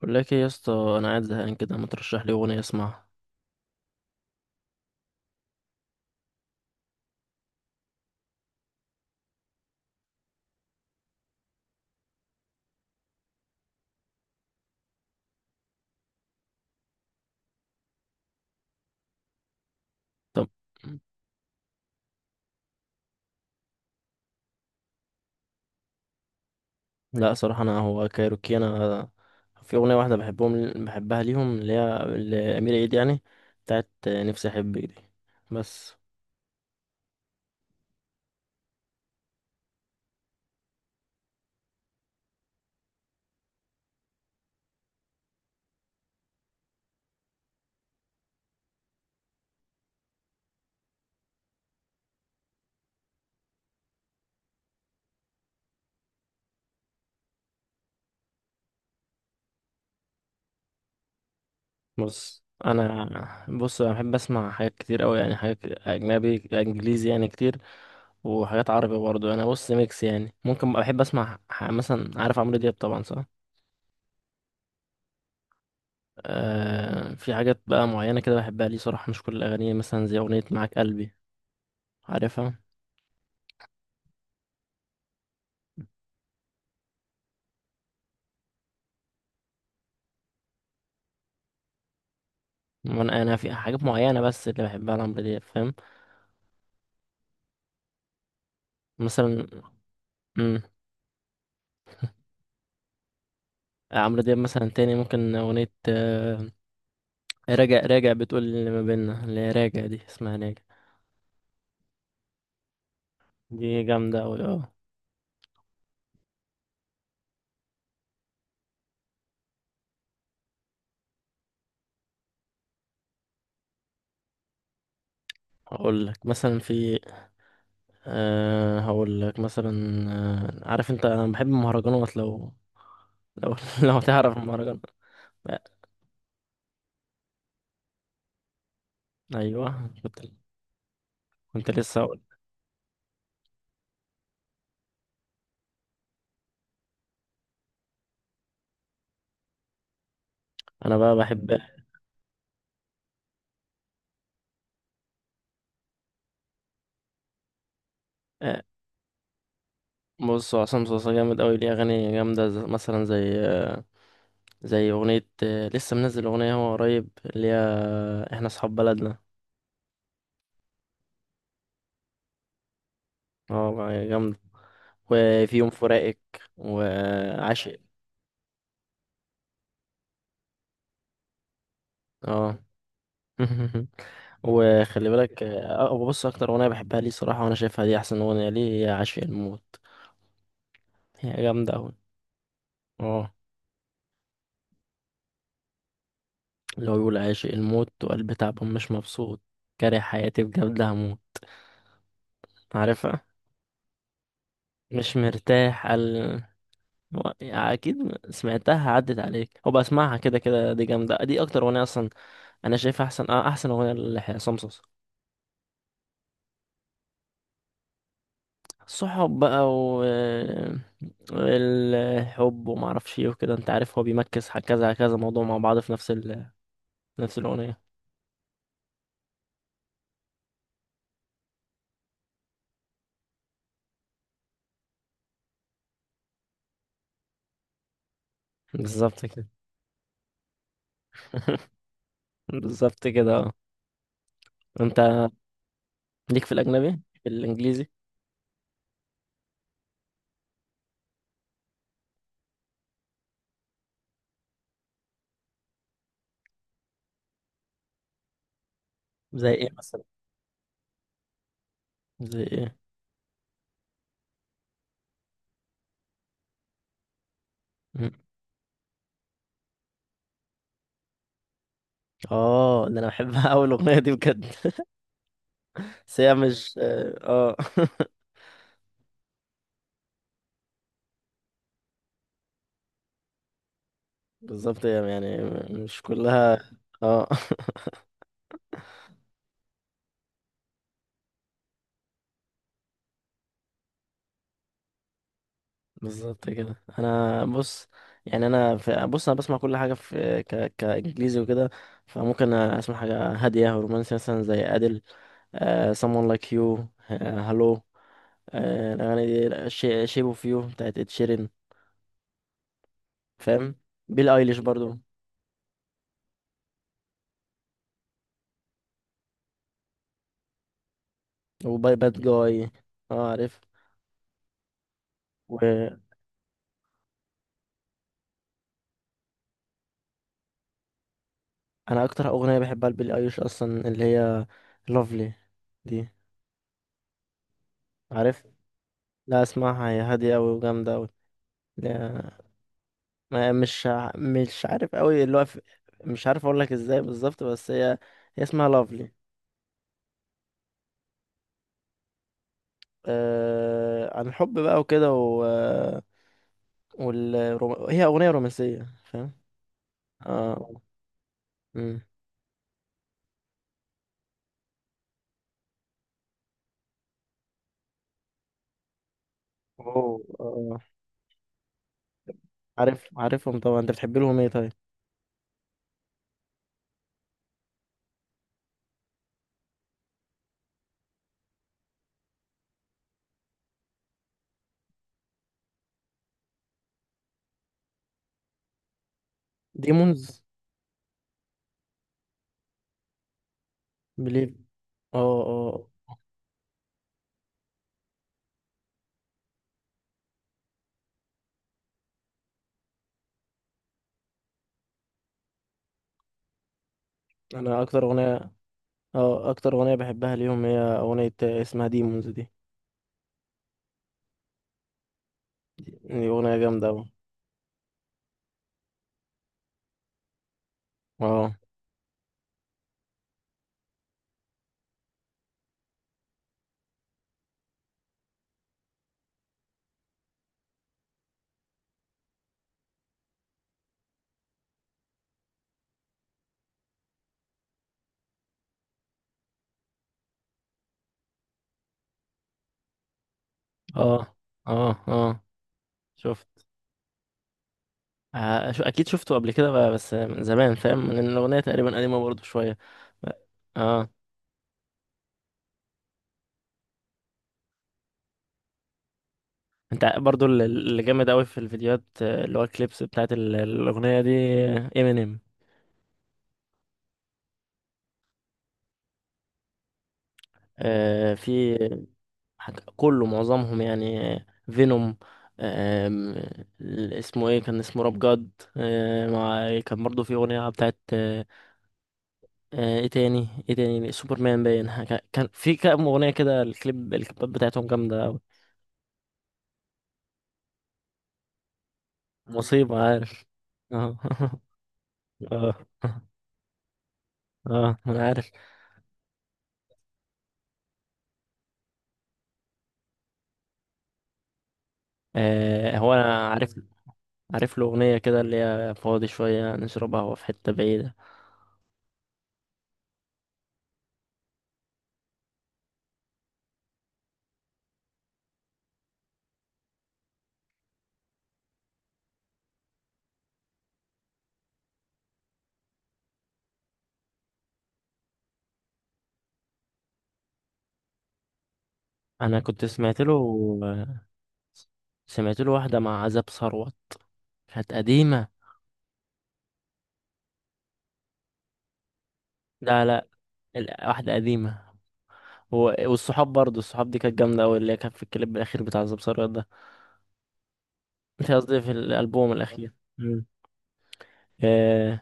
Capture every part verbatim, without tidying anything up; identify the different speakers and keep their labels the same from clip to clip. Speaker 1: بقول لك ايه يا اسطى. انا قاعد زهقان كده، ما ترشح لي اغنيه اسمعها؟ طب لا صراحه، انا هو كايروكي، انا في اغنيه واحده بحبهم بحبها ليهم، اللي هي لامير عيد يعني، بتاعت نفسي احبك دي، بس. بص انا بص انا بحب اسمع حاجات كتير قوي، يعني حاجات اجنبي انجليزي يعني كتير، وحاجات عربي برضه. انا بص ميكس يعني. ممكن بحب اسمع ح- مثلا، عارف عمرو دياب طبعا، صح؟ آه، في حاجات بقى معينه كده بحبها ليه صراحه، مش كل الاغاني، مثلا زي اغنيه معاك قلبي، عارفها؟ وانا انا في حاجات معينه بس اللي بحبها لعمرو دياب، فاهم؟ مثلا، امم، عمرو دياب مثلا تاني، ممكن اغنيه آه، راجع راجع بتقول اللي ما بيننا، اللي هي راجع دي اسمها راجع، دي جامده اوي، اه. هقول لك مثلا في، أه هقول لك مثلا، آه، عارف انت، انا بحب المهرجانات لو، لو لو تعرف المهرجانات. لا، ايوه كنت، كنت لسه هقول، انا بقى بحب، آه، بص، هو عصام صوصه جامد قوي، ليه اغاني جامده ز- مثلا زي آه، زي اغنية آه، لسه منزل اغنية هو قريب، اللي هي احنا اصحاب بلدنا. اه والله جامدة. وفي يوم فراقك، وعاشق، اه وخلي بالك آه، آه، بص، اكتر اغنية بحبها ليه صراحة، وانا شايفها دي احسن اغنية ليه، هي عاشق الموت. هي جامدة اوي، اه. لو يقول عاشق الموت وقلبي تعبان مش مبسوط، كاره حياتي بجد هموت، عارفها؟ مش مرتاح قال. هو يعني اكيد سمعتها عدت عليك، هو بسمعها كده كده. دي جامده، دي اكتر اغنيه اصلا انا شايفها احسن، آه، احسن اغنيه لحسام صوصه. الصحاب بقى، و الحب وما اعرفش ايه وكده، انت عارف، هو بيمكس ح- كذا كذا موضوع مع بعض في نفس ال... نفس الاغنيه. بالظبط كده. بالظبط كده، اه. انت ليك في الاجنبي، في الانجليزي؟ زي ايه مثلا؟ زي ايه؟ مم. اه ده انا بحبها اول اغنيه دي، بجد بس هي مش، اه، آه. بالظبط، هي يعني مش مم. كلها. اه بالظبط كده. انا بص يعني انا في... بص، انا بسمع كل حاجه في ك... كانجليزي وكده، فممكن اسمع حاجه هاديه رومانسي، مثلا زي ادل، آه... someone like you، آه... hello، آه... الاغاني دي، شي... shape of you بتاعت ed sheeran، فاهم؟ بيل ايليش برضو، وباي باد جاي. اه عارف. وانا اكتر اغنيه بحبها لبيل ايليش اصلا اللي هي lovely، دي عارف؟ لا، اسمعها، هي هادية أوي وجامدة أوي. لا، ما مش ع- مش عارف أوي، اللي هو ف- مش عارف أقول لك إزاي بالظبط، بس هي هي اسمها لافلي. آه... عن الحب بقى وكده، و... والروم... هي أغنية رومانسية، فاهم؟ اه، امم، أوه، آه. عارف، عارفهم طبعا. أنت بتحب لهم إيه طيب؟ ديمونز، بليف، اه، اه. أنا أكتر أغنية اه أكتر أغنية بحبها ليهم هي أغنية اسمها ديمونز، دي دي أغنية جامدة أوي. اه، اه، اه، اه شفت، آه، شو- اكيد شفته قبل كده بقى، بس من زمان، فاهم، لان الاغنيه تقريبا قديمه برضو شويه. اه انت برضو ال- اللي جامد قوي في الفيديوهات آه، اللي هو الكليبس بتاعت ال- الاغنيه دي، امينيم، آه، في حاج- كله معظمهم يعني. فينوم، آم، اسمه ايه، كان اسمه راب جاد. آه، مع، كان برضو في اغنيه بتاعت آه، ايه تاني، ايه تاني، سوبرمان، باين حاجة- كان في كام اغنيه كده، الكليب، الكليبات بتاعتهم جامده أوي. مصيبه، عارف. اه اه، اه انا عارف. آه، هو انا عارف. عارف له اغنيه كده اللي هي فاضي شويه نشرب قهوه في حته بعيده. انا كنت سمعت له، سمعت له واحده مع عذاب ثروت، كانت قديمه. لا لا، ال- واحده قديمه، هو والصحاب، برضه الصحاب دي كانت جامده قوي، اللي هي كانت في الكليب الاخير بتاع عذاب ثروت ده. مش قصدي، في الالبوم الاخير، آه.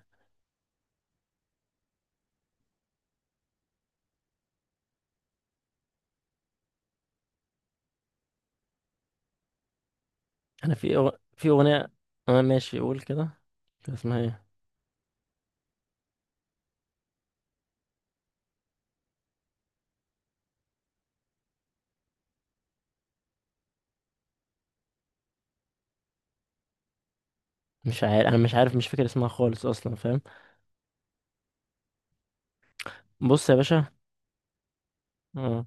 Speaker 1: انا في أغ... في اغنيه. اه ماشي، قول كده، كان اسمها ايه؟ مش عارف، انا مش عارف، مش فاكر اسمها خالص اصلا، فاهم. بص يا باشا، اه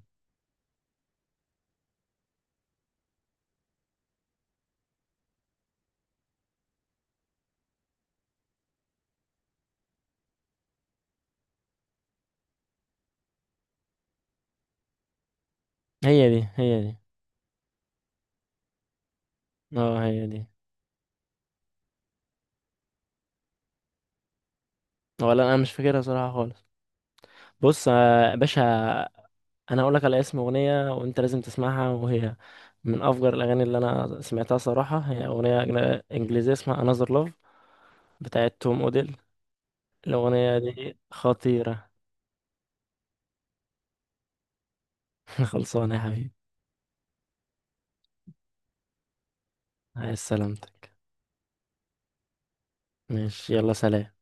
Speaker 1: هي دي، هي دي، اه هي دي، ولا انا مش فاكرها صراحه خالص. بص، آه، يا باشا، انا اقول لك على اسم اغنيه وانت لازم تسمعها، وهي من افجر الاغاني اللي انا سمعتها صراحه، هي اغنيه أجن- انجليزيه اسمها Another Love بتاعت توم اوديل. الاغنيه دي خطيره. خلصانه يا حبيبي. عايز سلامتك، ماشي، يلا سلام.